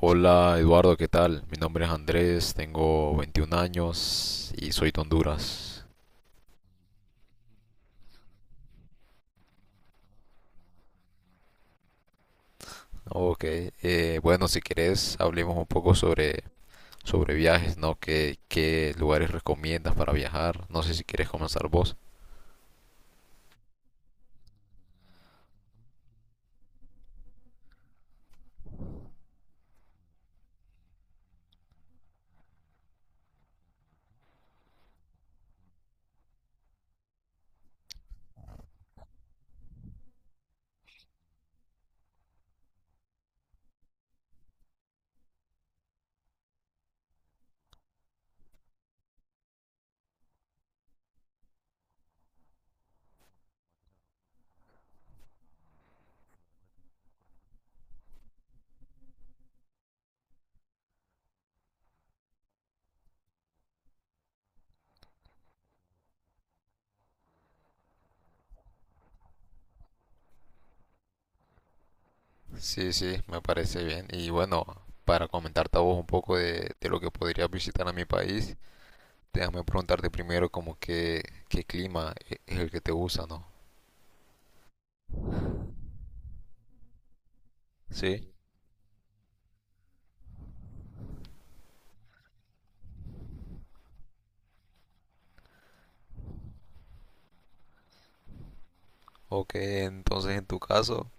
Hola Eduardo, ¿qué tal? Mi nombre es Andrés, tengo 21 años y soy de Honduras. Ok, bueno, si querés, hablemos un poco sobre viajes, ¿no? ¿Qué lugares recomiendas para viajar? No sé si quieres comenzar vos. Sí, sí, me parece bien. Y bueno, para comentarte a vos un poco de lo que podrías visitar a mi país, déjame preguntarte primero como qué clima es el que te gusta, ¿no? Sí. Ok, entonces en tu caso...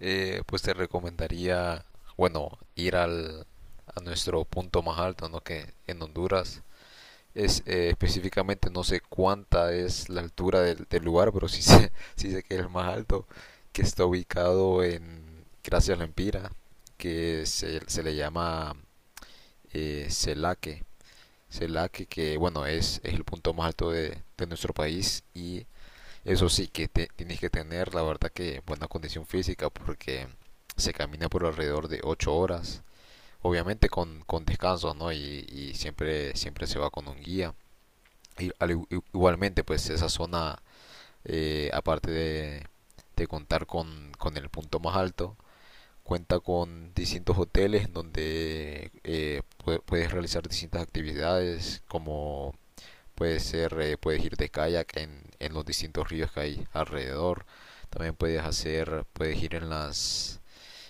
pues te recomendaría, bueno, ir al, a nuestro punto más alto, ¿no? Que en Honduras es específicamente, no sé cuánta es la altura del lugar, pero sí sí sé que es el más alto, que está ubicado en Gracias Lempira, que se le llama Celaque. Celaque, que bueno, es el punto más alto de nuestro país, y eso sí que tienes que tener, la verdad, que buena condición física, porque se camina por alrededor de 8 horas. Obviamente con descanso, ¿no? Y siempre, siempre se va con un guía. Y al igualmente, pues esa zona, aparte de contar con el punto más alto, cuenta con distintos hoteles donde puedes realizar distintas actividades como puede ser, puedes ir de kayak en los distintos ríos que hay alrededor. También puedes ir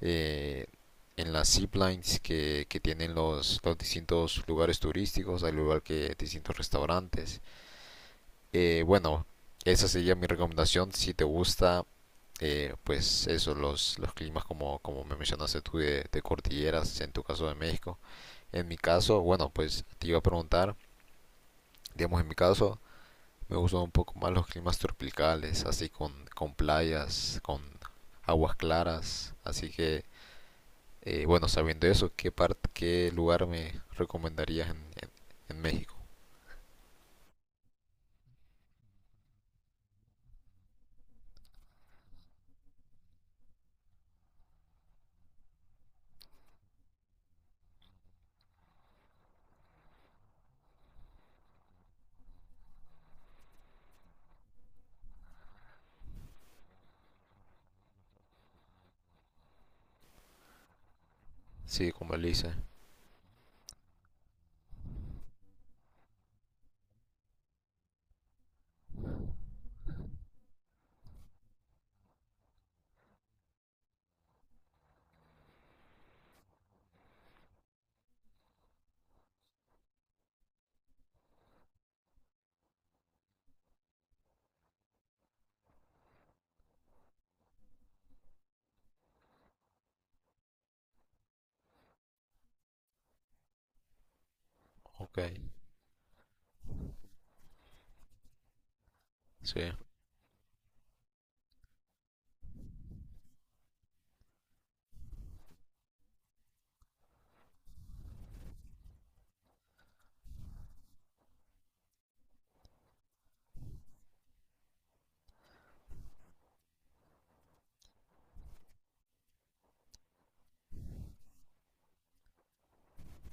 eh, en las ziplines que tienen los distintos lugares turísticos, al igual que distintos restaurantes. Bueno, esa sería mi recomendación si te gusta, pues eso, los climas como, como me mencionaste tú de cordilleras, en tu caso de México. En mi caso, bueno, pues te iba a preguntar, digamos en mi caso, me gustan un poco más los climas tropicales, así con playas, con aguas claras. Así que, bueno, sabiendo eso, ¿qué parte, qué lugar me recomendarías en- en México? Sí, como Elise. Ok, sí.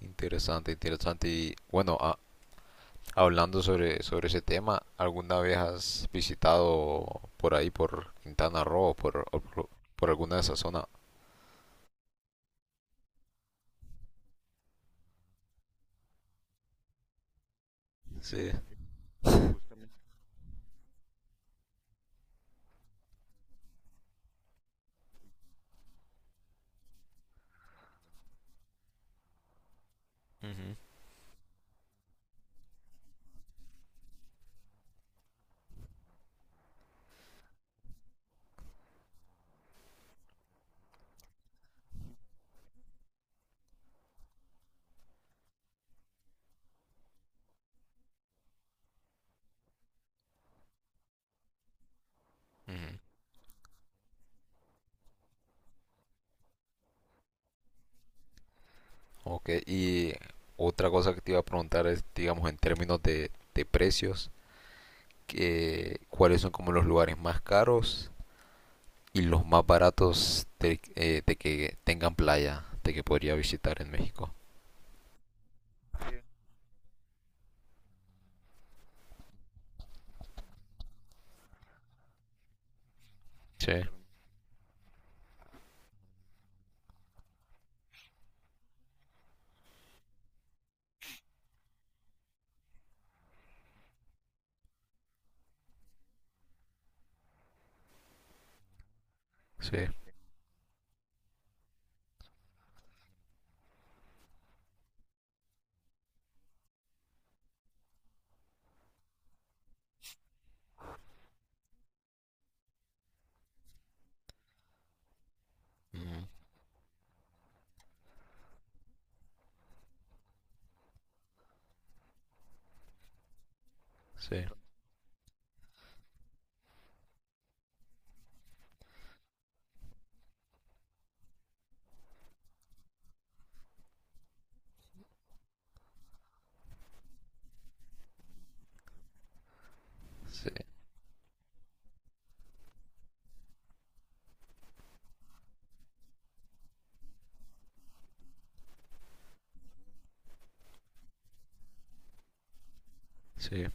Interesante, interesante. Y bueno, hablando sobre ese tema, ¿alguna vez has visitado por ahí, por Quintana Roo, por alguna de esas zonas? Sí. Ujú, ujú. Ok, y otra cosa que te iba a preguntar es, digamos, en términos de precios, que, ¿cuáles son como los lugares más caros y los más baratos de que tengan playa, de que podría visitar en México? Sí, sí, ujú, sí, sí, sí,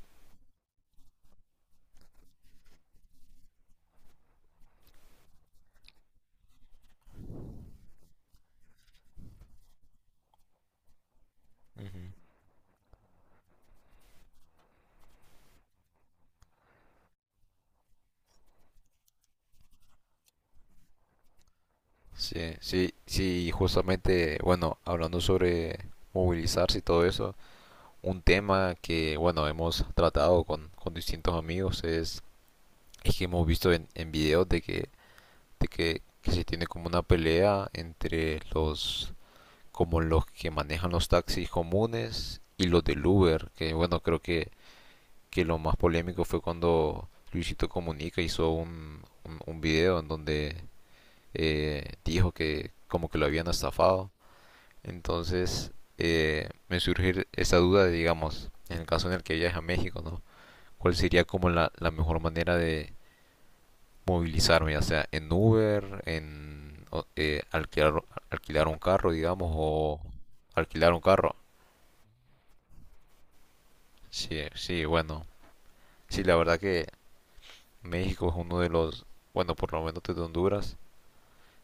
ujú, sí, sí, sí, y justamente, bueno, hablando sobre movilizarse y todo eso, un tema que, bueno, hemos tratado con distintos amigos es que hemos visto en videos de que se tiene como una pelea entre los como los que manejan los taxis comunes y los del Uber, que bueno, creo que lo más polémico fue cuando Luisito Comunica hizo un video en donde dijo que como que lo habían estafado. Entonces me surge esa duda de, digamos, en el caso en el que viaje a México, ¿no? ¿Cuál sería como la mejor manera de movilizarme, ya sea en Uber, en eh, alquilar, alquilar un carro, digamos, o alquilar un carro. Sí, sí, bueno. Sí, la verdad que México es uno de los, bueno, por lo menos desde Honduras,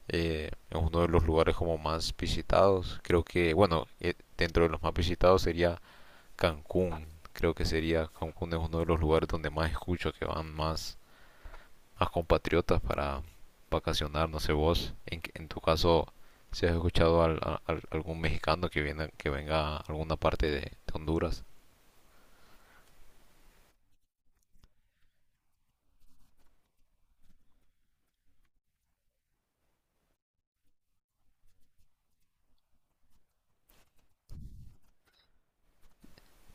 es uno de los lugares como más visitados. Creo que, bueno, dentro de los más visitados sería Cancún. Creo que sería Cancún, es uno de los lugares donde más escucho que van más a compatriotas para vacacionar. No sé vos, en tu caso, si has escuchado algún mexicano que, que venga a alguna parte de Honduras,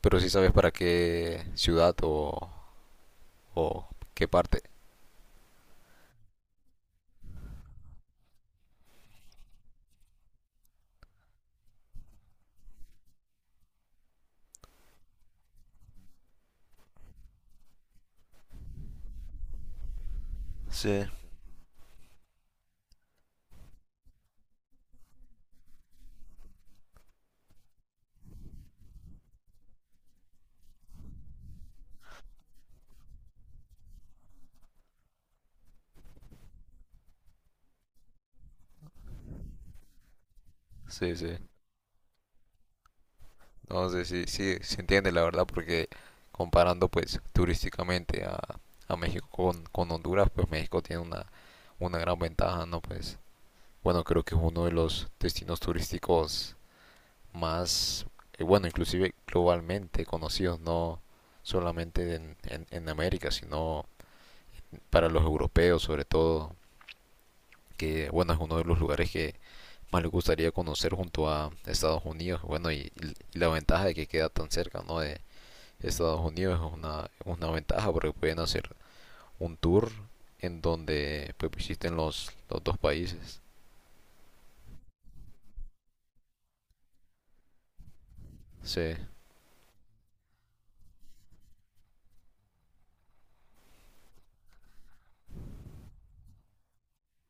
pero si sí sabes para qué ciudad o qué parte. Sí. Sí, sí. No sé si sí, sí, se entiende la verdad, porque comparando pues turísticamente a México con Honduras, pues México tiene una gran ventaja, ¿no? Pues bueno, creo que es uno de los destinos turísticos más, bueno, inclusive globalmente conocidos, no solamente en América, sino para los europeos sobre todo, que bueno, es uno de los lugares que más les gustaría conocer junto a Estados Unidos, bueno, y la ventaja de que queda tan cerca, ¿no? De Estados Unidos es una ventaja, porque pueden hacer un tour en donde pues visiten los dos países. Sí,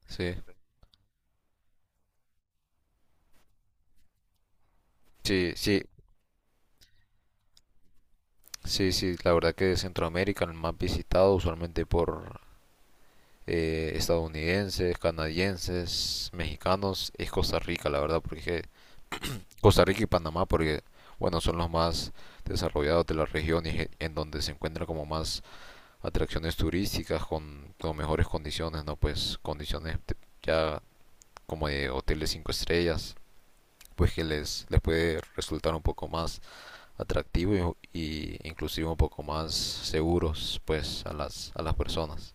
sí, sí, sí, sí, sí, la verdad que Centroamérica, el más visitado usualmente por estadounidenses, canadienses, mexicanos, es Costa Rica, la verdad, porque Costa Rica y Panamá, porque bueno, son los más desarrollados de la región, y en donde se encuentran como más atracciones turísticas con mejores condiciones, ¿no? Pues condiciones ya como de hoteles 5 estrellas, pues que les puede resultar un poco más atractivo, y inclusive un poco más seguros, pues, a las personas.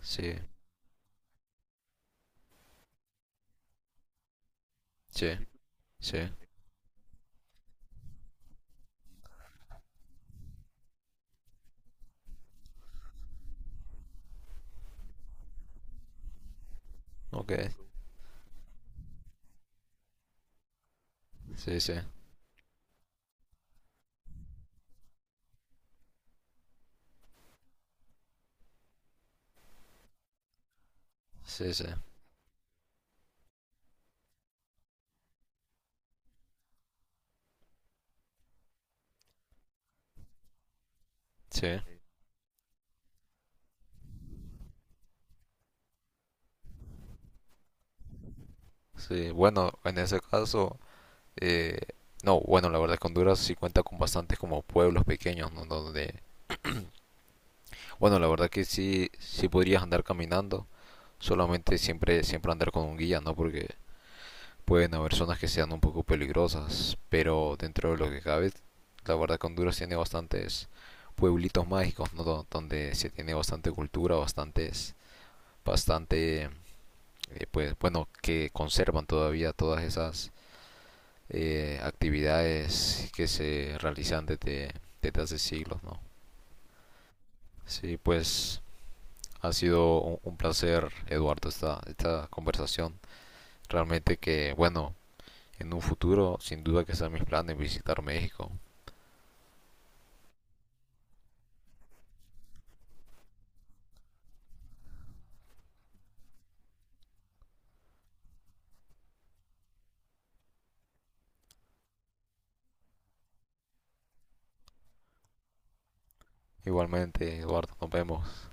Sí, sí, sí, ok, sí, sí. Sí, sí, sí, sí. Bueno, en ese caso, eh, no, bueno, la verdad es que Honduras sí cuenta con bastantes como pueblos pequeños, ¿no? Donde, bueno, la verdad que sí, sí podrías andar caminando, solamente siempre, siempre andar con un guía, ¿no? Porque pueden haber zonas que sean un poco peligrosas, pero dentro de lo que cabe, la verdad que Honduras tiene bastantes pueblitos mágicos, ¿no? Donde se tiene bastante cultura, bastante, pues, bueno, que conservan todavía todas esas actividades que se realizan desde hace siglos, ¿no? Sí, pues ha sido un placer, Eduardo, esta conversación. Realmente que, bueno, en un futuro sin duda que sean mis planes visitar México. Igualmente, Eduardo, nos vemos.